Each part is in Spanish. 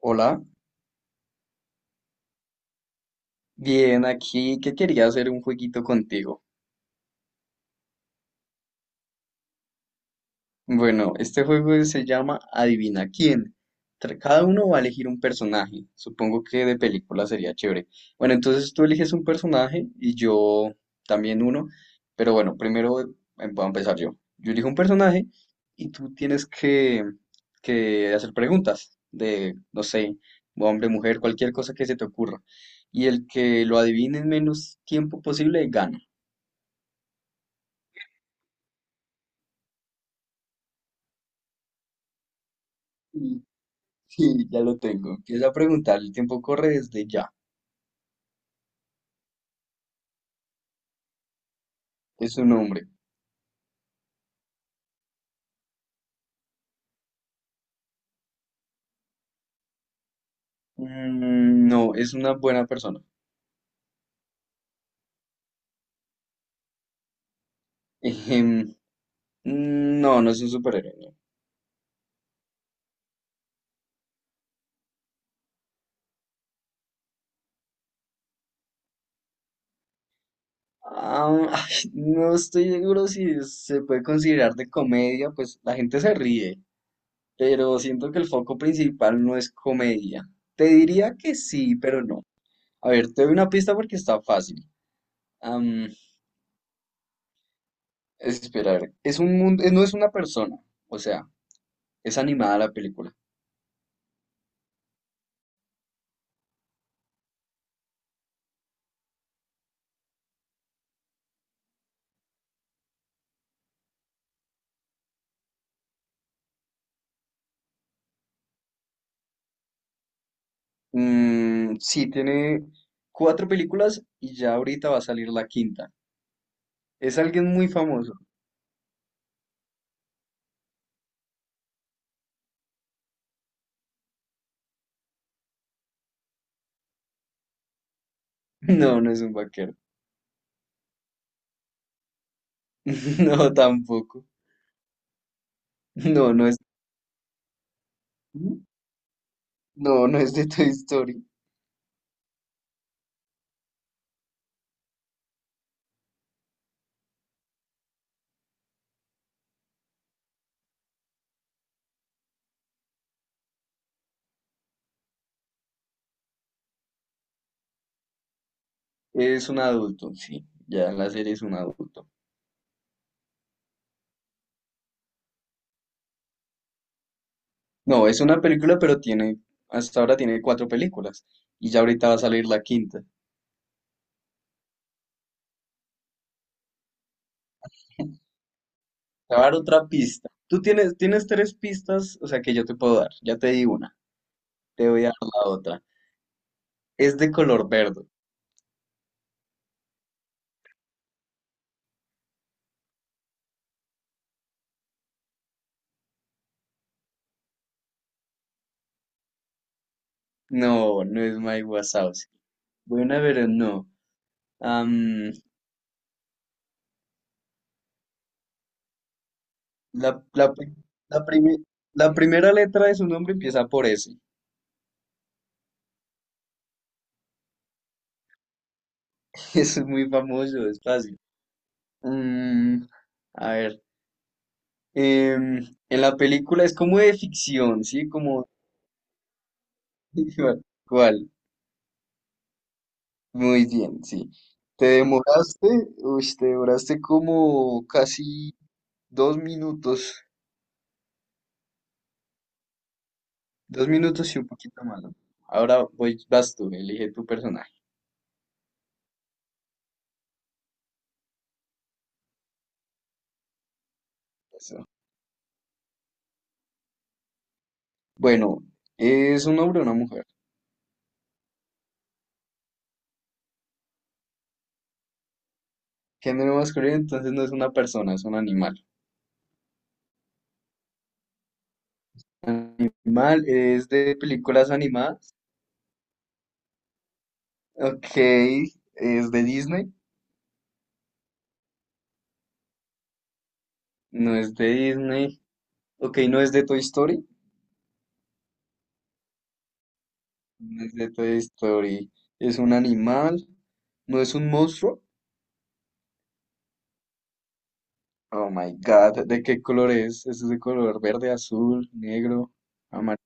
Hola, bien, aquí que quería hacer un jueguito contigo. Bueno, este juego se llama Adivina quién. Cada uno va a elegir un personaje. Supongo que de película sería chévere. Bueno, entonces tú eliges un personaje y yo también uno. Pero bueno, primero voy a empezar yo. Yo elijo un personaje y tú tienes que hacer preguntas de, no sé, hombre, mujer, cualquier cosa que se te ocurra. Y el que lo adivine en menos tiempo posible gana. Sí, ya lo tengo. Empieza a preguntar. El tiempo corre desde ya. Es un hombre. Mm, no, es una buena persona. Ejem, mm, no, no es un superhéroe. No. Ah, ay, no estoy seguro si se puede considerar de comedia, pues la gente se ríe, pero siento que el foco principal no es comedia. Te diría que sí, pero no. A ver, te doy una pista porque está fácil. Am, Espera, a ver. Es un mundo, no es una persona, o sea, es animada la película. Mm, sí, tiene cuatro películas y ya ahorita va a salir la quinta. Es alguien muy famoso. No, no es un vaquero. No, tampoco. No, no es. No, no es de Toy Story. Es un adulto, sí. Ya en la serie es un adulto. No, es una película, pero hasta ahora tiene cuatro películas. Y ya ahorita va a salir la quinta. Te voy a dar otra pista. Tú tienes tres pistas, o sea que yo te puedo dar. Ya te di una. Te voy a dar la otra. Es de color verde. No, no es Mike Wazowski. Buena, pero no. Am, la, pri- la, prime- la primera letra de su nombre empieza por S. Eso es muy famoso, es fácil. Mm, a ver. em, en la película es como de ficción, ¿sí? Como. ¿Cuál? Muy bien, sí. Te demoraste, Uy, te demoraste como casi 2 minutos. 2 minutos y un poquito más, ¿no? Ahora vas tú, elige tu personaje. Bueno, ¿es un hombre o una mujer? Género masculino, entonces no es una persona, es un animal. Animal es de películas animadas. Ok, ¿es de Disney? No es de Disney. Ok, no es de Toy Story. No es de Toy Story. Es un animal. No es un monstruo. Oh my God, ¿de qué color es? Es de color verde, azul, negro, amarillo.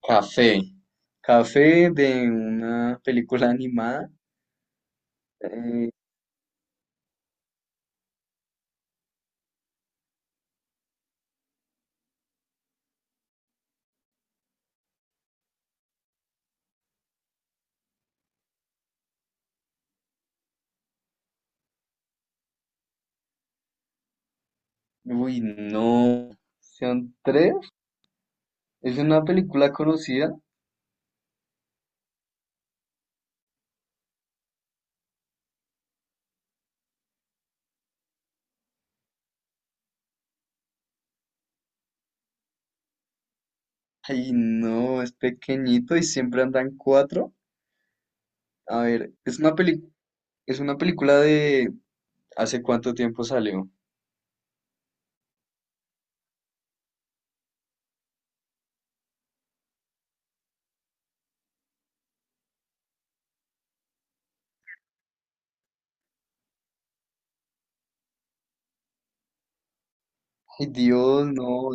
Café. Café de una película animada. eh, Uy, no. ¿Son tres? ¿Es una película conocida? Ay, no, es pequeñito y siempre andan cuatro. A ver, es una película de, ¿hace cuánto tiempo salió? Ay, Dios, no.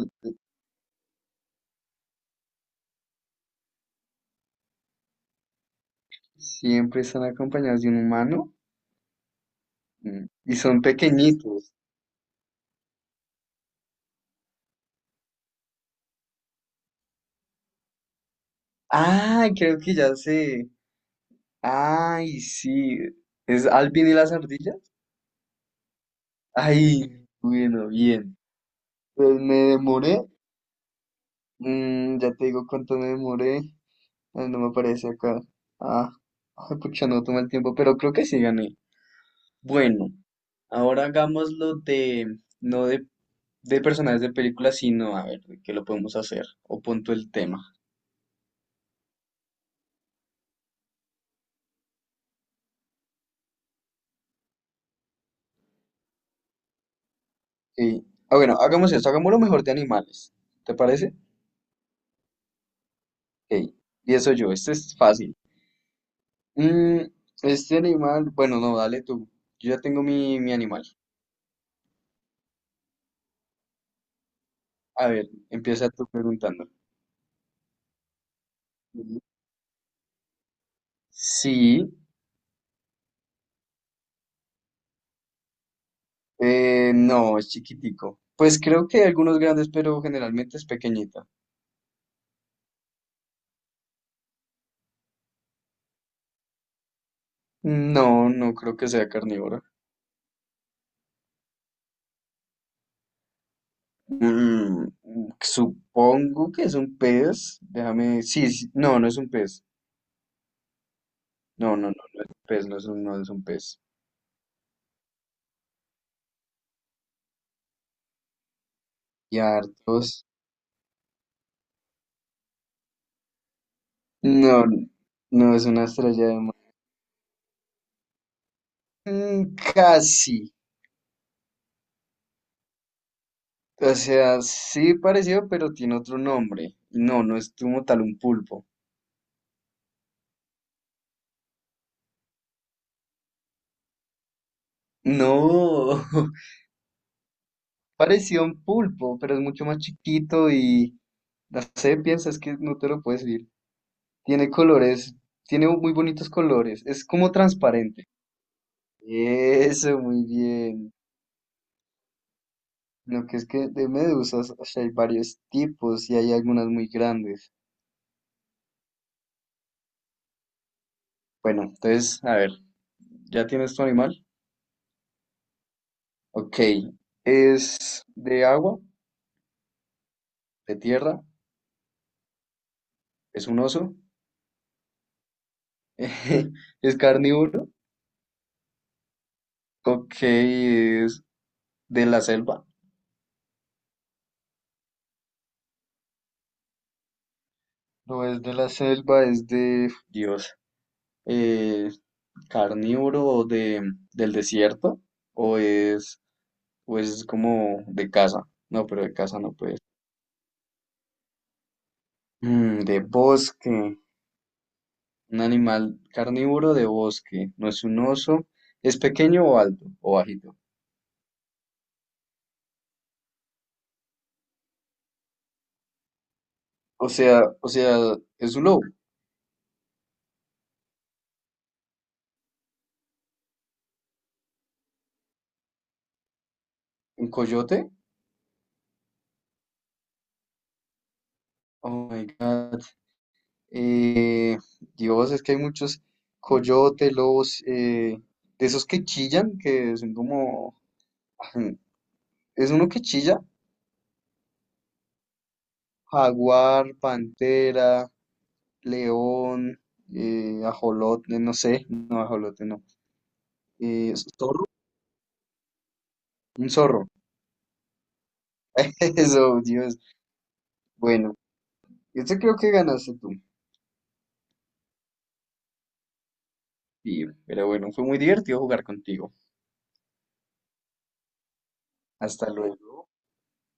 Siempre están acompañados de un humano. Y son pequeñitos. Ay, creo que ya sé. Ay, sí. ¿Es Alvin y las ardillas? Ay, bueno, bien. Pues me demoré. Ya te digo cuánto me demoré. No, me aparece acá. Ah, ay, pucha, no toma el tiempo, pero creo que sí gané. Bueno, ahora hagámoslo de, no de personajes de películas, sino a ver, ¿de qué lo podemos hacer? O punto el tema. Sí. Ah, bueno, hagamos esto, hagamos lo mejor de animales. ¿Te parece? Ok, empiezo yo, este es fácil. Mm, este animal, bueno, no, dale tú. Yo ya tengo mi animal. A ver, empieza tú preguntando. Ujú. Sí. No, es chiquitico. Pues creo que hay algunos grandes, pero generalmente es pequeñita. No, no creo que sea carnívora. Mm, Supongo que es un pez. Déjame. Sí, sí, no, no es un pez. No, no, no, no es un pez, no es un pez. Y hartos. No, no es una estrella de mar. Mm, casi. O sea, sí parecido, pero tiene otro nombre. No, no es como tal un pulpo. No. Parecido a un pulpo, pero es mucho más chiquito y la sé, piensas que no te lo puedes decir. Tiene colores, tiene muy bonitos colores, es como transparente. Eso, muy bien. Lo que es que de medusas o sea, hay varios tipos y hay algunas muy grandes. Bueno, entonces, a ver, ¿ya tienes tu animal? Ok, ¿es de agua? ¿De tierra? ¿Es un oso? ¿Es carnívoro? Ok, ¿es de la selva? No es de la selva, es Dios, eh, carnívoro o del desierto, o es, o es como de casa. No, pero de casa no puede ser. De bosque, un animal carnívoro de bosque, no es un oso, es pequeño o alto o bajito. O sea, es un lobo, un coyote. Oh my God. Eh, Dios, es que hay muchos coyotes, lobos, de esos que chillan, que son como. Es uno que chilla. Jaguar, pantera, león, ajolote, no sé, no, ajolote, no. Zorro, un zorro. Eso, Dios. Bueno, este creo que ganaste tú. Sí, pero bueno, fue muy divertido jugar contigo. Hasta luego.